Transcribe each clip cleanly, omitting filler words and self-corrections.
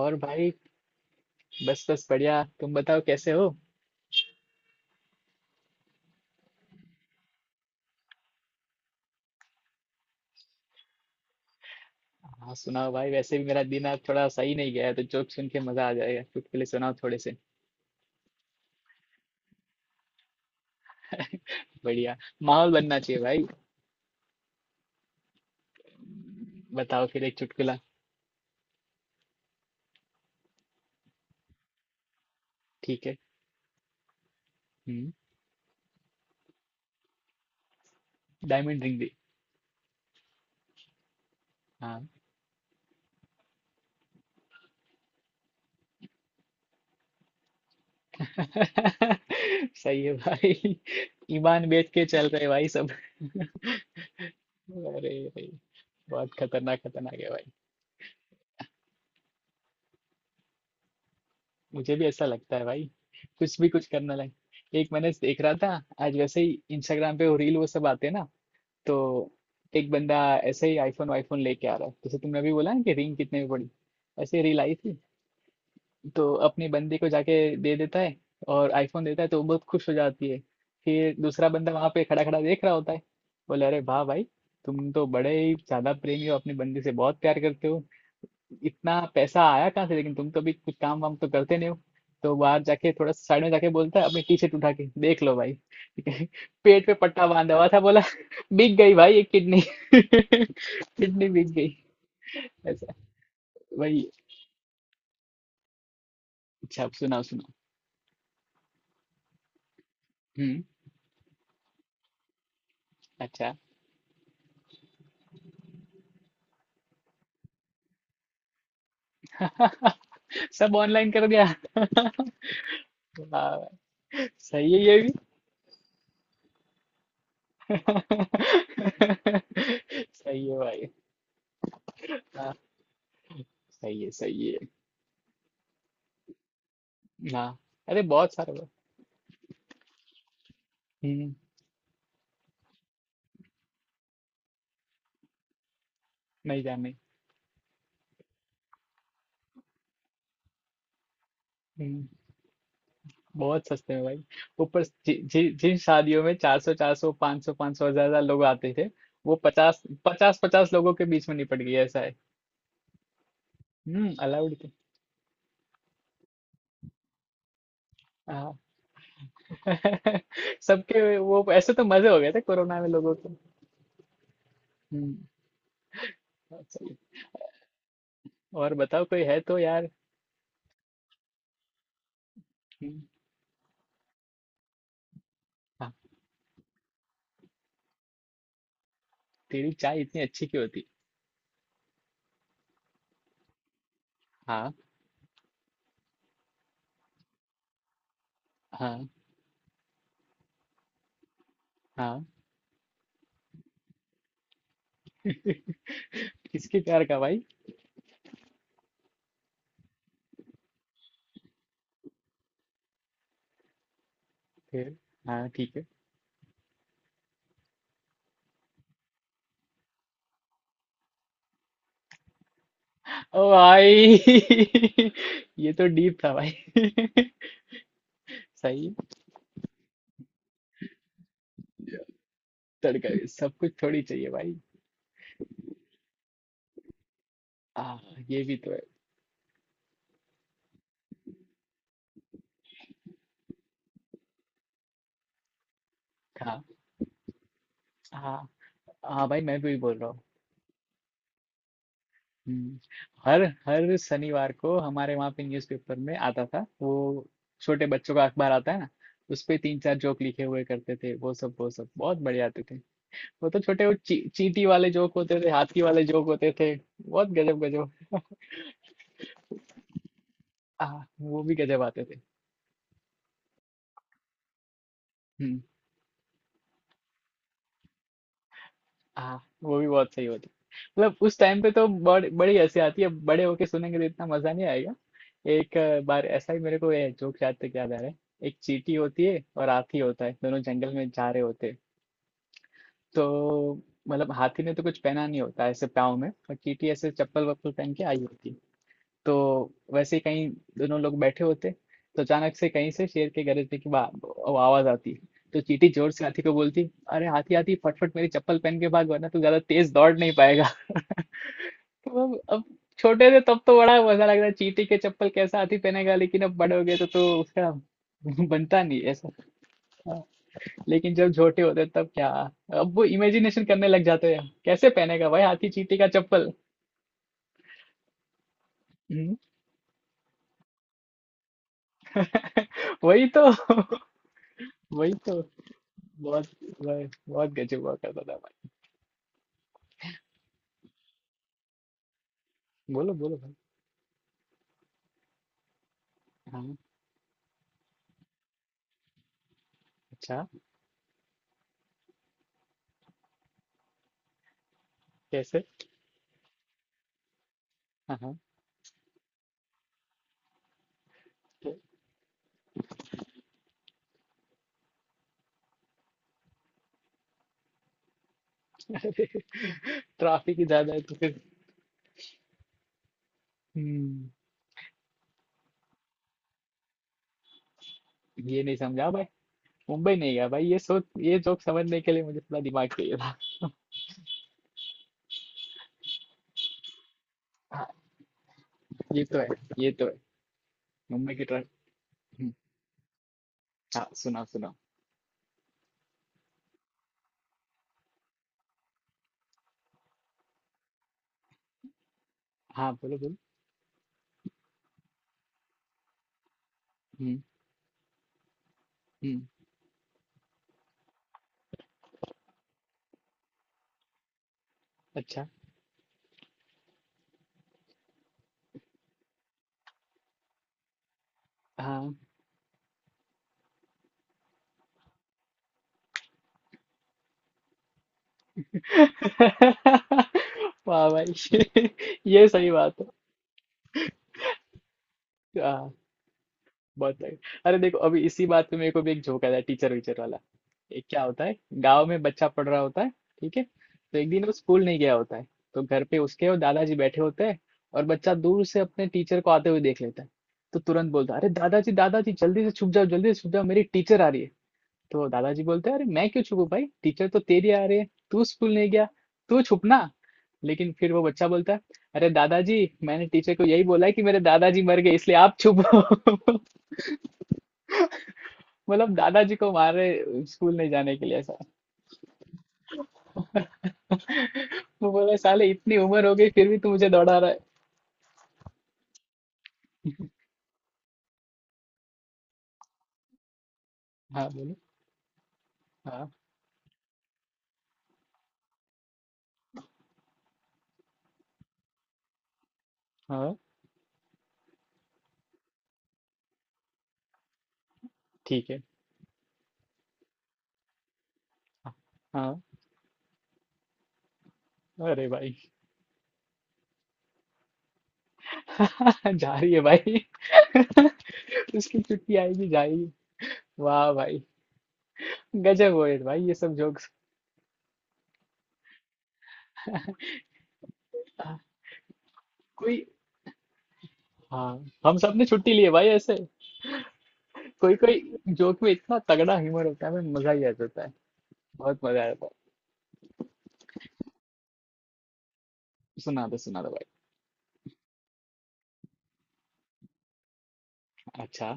और भाई। बस बस, बढ़िया। तुम बताओ, कैसे हो? हाँ सुनाओ भाई। वैसे भी मेरा दिन आज थोड़ा सही नहीं गया है तो जोक सुन के मजा आ जाएगा। चुटकुले सुनाओ थोड़े से। बढ़िया। माहौल बनना चाहिए भाई। बताओ फिर एक चुटकुला। ठीक है। हम्म। डायमंड रिंग दी। हाँ। सही है भाई। ईमान बेच के चल रहे भाई सब। अरे भाई। बहुत खतरनाक खतरनाक है भाई। मुझे भी ऐसा लगता है भाई। कुछ भी कुछ करना लगे। एक मैंने देख रहा था। आज वैसे ही इंस्टाग्राम पे वो रील वो सब आते हैं ना। तो एक बंदा ऐसे ही आईफोन वाईफोन लेके आ रहा है, जैसे तुमने अभी बोला ना कि रिंग कितने में पड़ी। ऐसे ही रील आई थी। तो अपनी बंदी को जाके दे देता है, और आईफोन देता है तो वो बहुत खुश हो जाती है। फिर दूसरा बंदा वहां पे खड़ा खड़ा देख रहा होता है। बोले, अरे वाह भाई, तुम तो बड़े ही ज्यादा प्रेमी हो, अपनी बंदी से बहुत प्यार करते हो। इतना पैसा आया कहाँ से? लेकिन तुम तो अभी कुछ काम वाम तो करते नहीं हो। तो बाहर जाके थोड़ा साइड में जाके बोलता है, अपनी टी शर्ट उठा के देख लो भाई। ठीक है। पेट पे पट्टा बांधा हुआ था। बोला, बिक गई भाई ये किडनी। किडनी बिक गई। ऐसा। वही। अच्छा अब सुनाओ सुनाओ। हम्म। अच्छा। सब ऑनलाइन कर दिया। वाह, सही है ये भी। सही है भाई। हाँ। सही है सही है। हाँ। अरे बहुत सारे हुए। हम्म। नहीं जाने। हम्म। बहुत सस्ते में भाई। ऊपर जि, जि, जिन शादियों में चार सौ पाँच सौ पाँच सौ हजार हजार लोग आते थे, वो पचास पचास पचास लोगों के बीच में निपट गई। ऐसा है। हम्म। अलाउड थी। हाँ। सबके वो ऐसे तो मजे हो गए थे कोरोना में लोगों के। हम्म। बहुत सही। और बताओ कोई है तो यार। हम्म। हाँ। तेरी चाय इतनी अच्छी क्यों होती? हाँ। हाँ। हाँ। किसके प्यार का भाई? फिर। हाँ ठीक है। ओ भाई। ये तो डीप था भाई। सही। तड़का भी सब कुछ थोड़ी चाहिए भाई। आ, ये भी तो है। हाँ हाँ। हाँ भाई मैं भी बोल रहा हूँ। हम्म। हर हर शनिवार को हमारे वहाँ पे न्यूज़पेपर में आता था वो। छोटे बच्चों का अखबार आता है ना। उस पे तीन चार जोक लिखे हुए करते थे, वो सब बहुत बढ़िया आते थे। वो तो छोटे वो चींटी वाले जोक होते थे, हाथी वाले जोक होते थे। बहुत गजब गजब। आ, वो भी गजब आते थे। हम्म। आ, वो भी बहुत सही होते। मतलब उस टाइम पे तो बड़ी हंसी आती है। बड़े होके सुनेंगे तो इतना मजा नहीं आएगा। एक बार ऐसा ही मेरे को ये जोक याद तक याद आ रहा है। एक चींटी होती है और हाथी होता है, दोनों जंगल में जा रहे होते हैं। तो मतलब हाथी ने तो कुछ पहना नहीं होता है ऐसे पाँव में, और चींटी ऐसे चप्पल वप्पल पहन के आई होती है। तो वैसे ही कहीं दोनों लोग बैठे होते। तो अचानक से कहीं से शेर के गरजने की वो आवाज आती है। तो चींटी जोर से हाथी को बोलती, अरे हाथी हाथी, फटफट मेरी चप्पल पहन के भाग, वरना तू ज्यादा तेज दौड़ नहीं पाएगा। तो अब छोटे थे तब तो बड़ा मजा लग रहा है, चींटी के चप्पल कैसा हाथी पहनेगा, लेकिन अब बड़े हो गए तो उसका बनता नहीं ऐसा। हाँ, लेकिन जब छोटे होते तब क्या, अब वो इमेजिनेशन करने लग जाते हैं कैसे पहनेगा भाई हाथी चींटी का चप्पल। हम्म। वही तो। वही तो। बहुत बहुत बहुत गजब हुआ करता था भाई। बोलो बोलो भाई। हाँ। अच्छा। कैसे? हाँ हाँ। ट्रैफिक ही ज्यादा है तो फिर। हम्म। ये नहीं समझा भाई। मुंबई नहीं गया भाई, ये सोच, ये जोक समझने के लिए मुझे थोड़ा दिमाग चाहिए था। हाँ। ये तो है। ये तो है। मुंबई की ट्रक। हम्म। हाँ सुनाओ सुनाओ। हाँ बोलो बोलो। हम्म। हम्म। अच्छा। हाँ। वाह भाई। ये सही बात है। हाँ। बहुत लाइट। अरे देखो अभी इसी बात पे मेरे को भी एक जोक आया टीचर वीचर वाला। एक क्या होता है। गांव में बच्चा पढ़ रहा होता है, ठीक है। तो एक दिन वो स्कूल नहीं गया होता है। तो घर पे उसके और दादाजी बैठे होते हैं। और बच्चा दूर से अपने टीचर को आते हुए देख लेता है। तो तुरंत बोलता है, अरे दादाजी दादाजी, जल्दी से छुप जाओ, जल्दी से छुप जाओ, मेरी टीचर आ रही है। तो दादाजी बोलते हैं, अरे मैं क्यों छुपूं भाई, टीचर तो तेरी आ रही है, तू स्कूल नहीं गया, तू छुपना। लेकिन फिर वो बच्चा बोलता है, अरे दादाजी, मैंने टीचर को यही बोला है कि मेरे दादाजी मर गए, इसलिए आप छुपो। मतलब दादाजी को मार रहे स्कूल नहीं जाने के लिए ऐसा। वो बोला, साले, इतनी उम्र हो गई फिर भी तू मुझे दौड़ा रहा है। हाँ बोलो। हाँ। हाँ ठीक है। हाँ। अरे भाई। जा रही है भाई। उसकी छुट्टी आएगी जाएगी। वाह भाई। गजब हो है भाई ये सब जोक्स। कोई। हाँ। हम सब ने छुट्टी ली है भाई ऐसे। कोई कोई जोक में इतना तगड़ा ह्यूमर होता है, मैं मजा ही आ जाता है। बहुत मजा आता है। सुना दो भाई। अच्छा।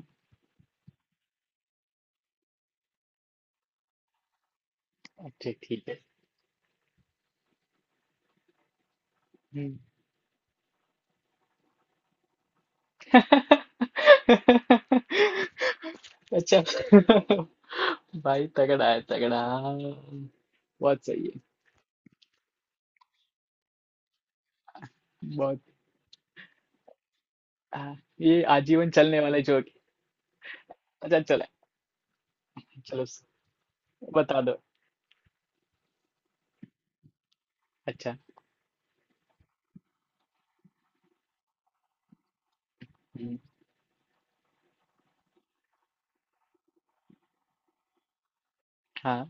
अच्छा ठीक है। हम्म। अच्छा। भाई तगड़ा है तगड़ा, बहुत सही है। बहुत। हाँ, ये आजीवन चलने वाला जोक। अच्छा चले। चलो बता दो। अच्छा। हम्म। हाँ।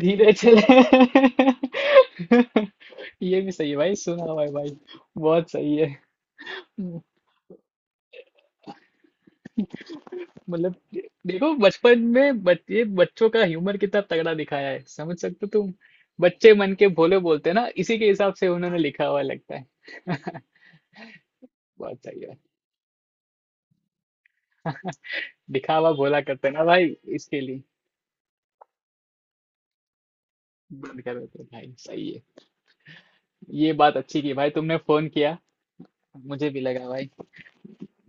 धीरे चले। ये भी सही है भाई, सुना भाई भाई। बहुत सही है। मतलब देखो बचपन में ये बच्चों का ह्यूमर कितना तगड़ा दिखाया है, समझ सकते हो तुम। बच्चे मन के भोले बोलते हैं ना, इसी के हिसाब से उन्होंने लिखा हुआ लगता है। बहुत सही है। दिखावा भोला करते हैं ना भाई, इसके लिए। बंद कर देते हैं भाई सही है। ये बात अच्छी की भाई तुमने फोन किया। मुझे भी लगा भाई।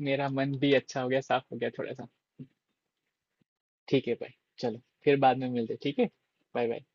मेरा मन भी अच्छा हो गया, साफ हो गया थोड़ा सा। ठीक है भाई। चलो फिर बाद में मिलते हैं, ठीक है। Bye bye.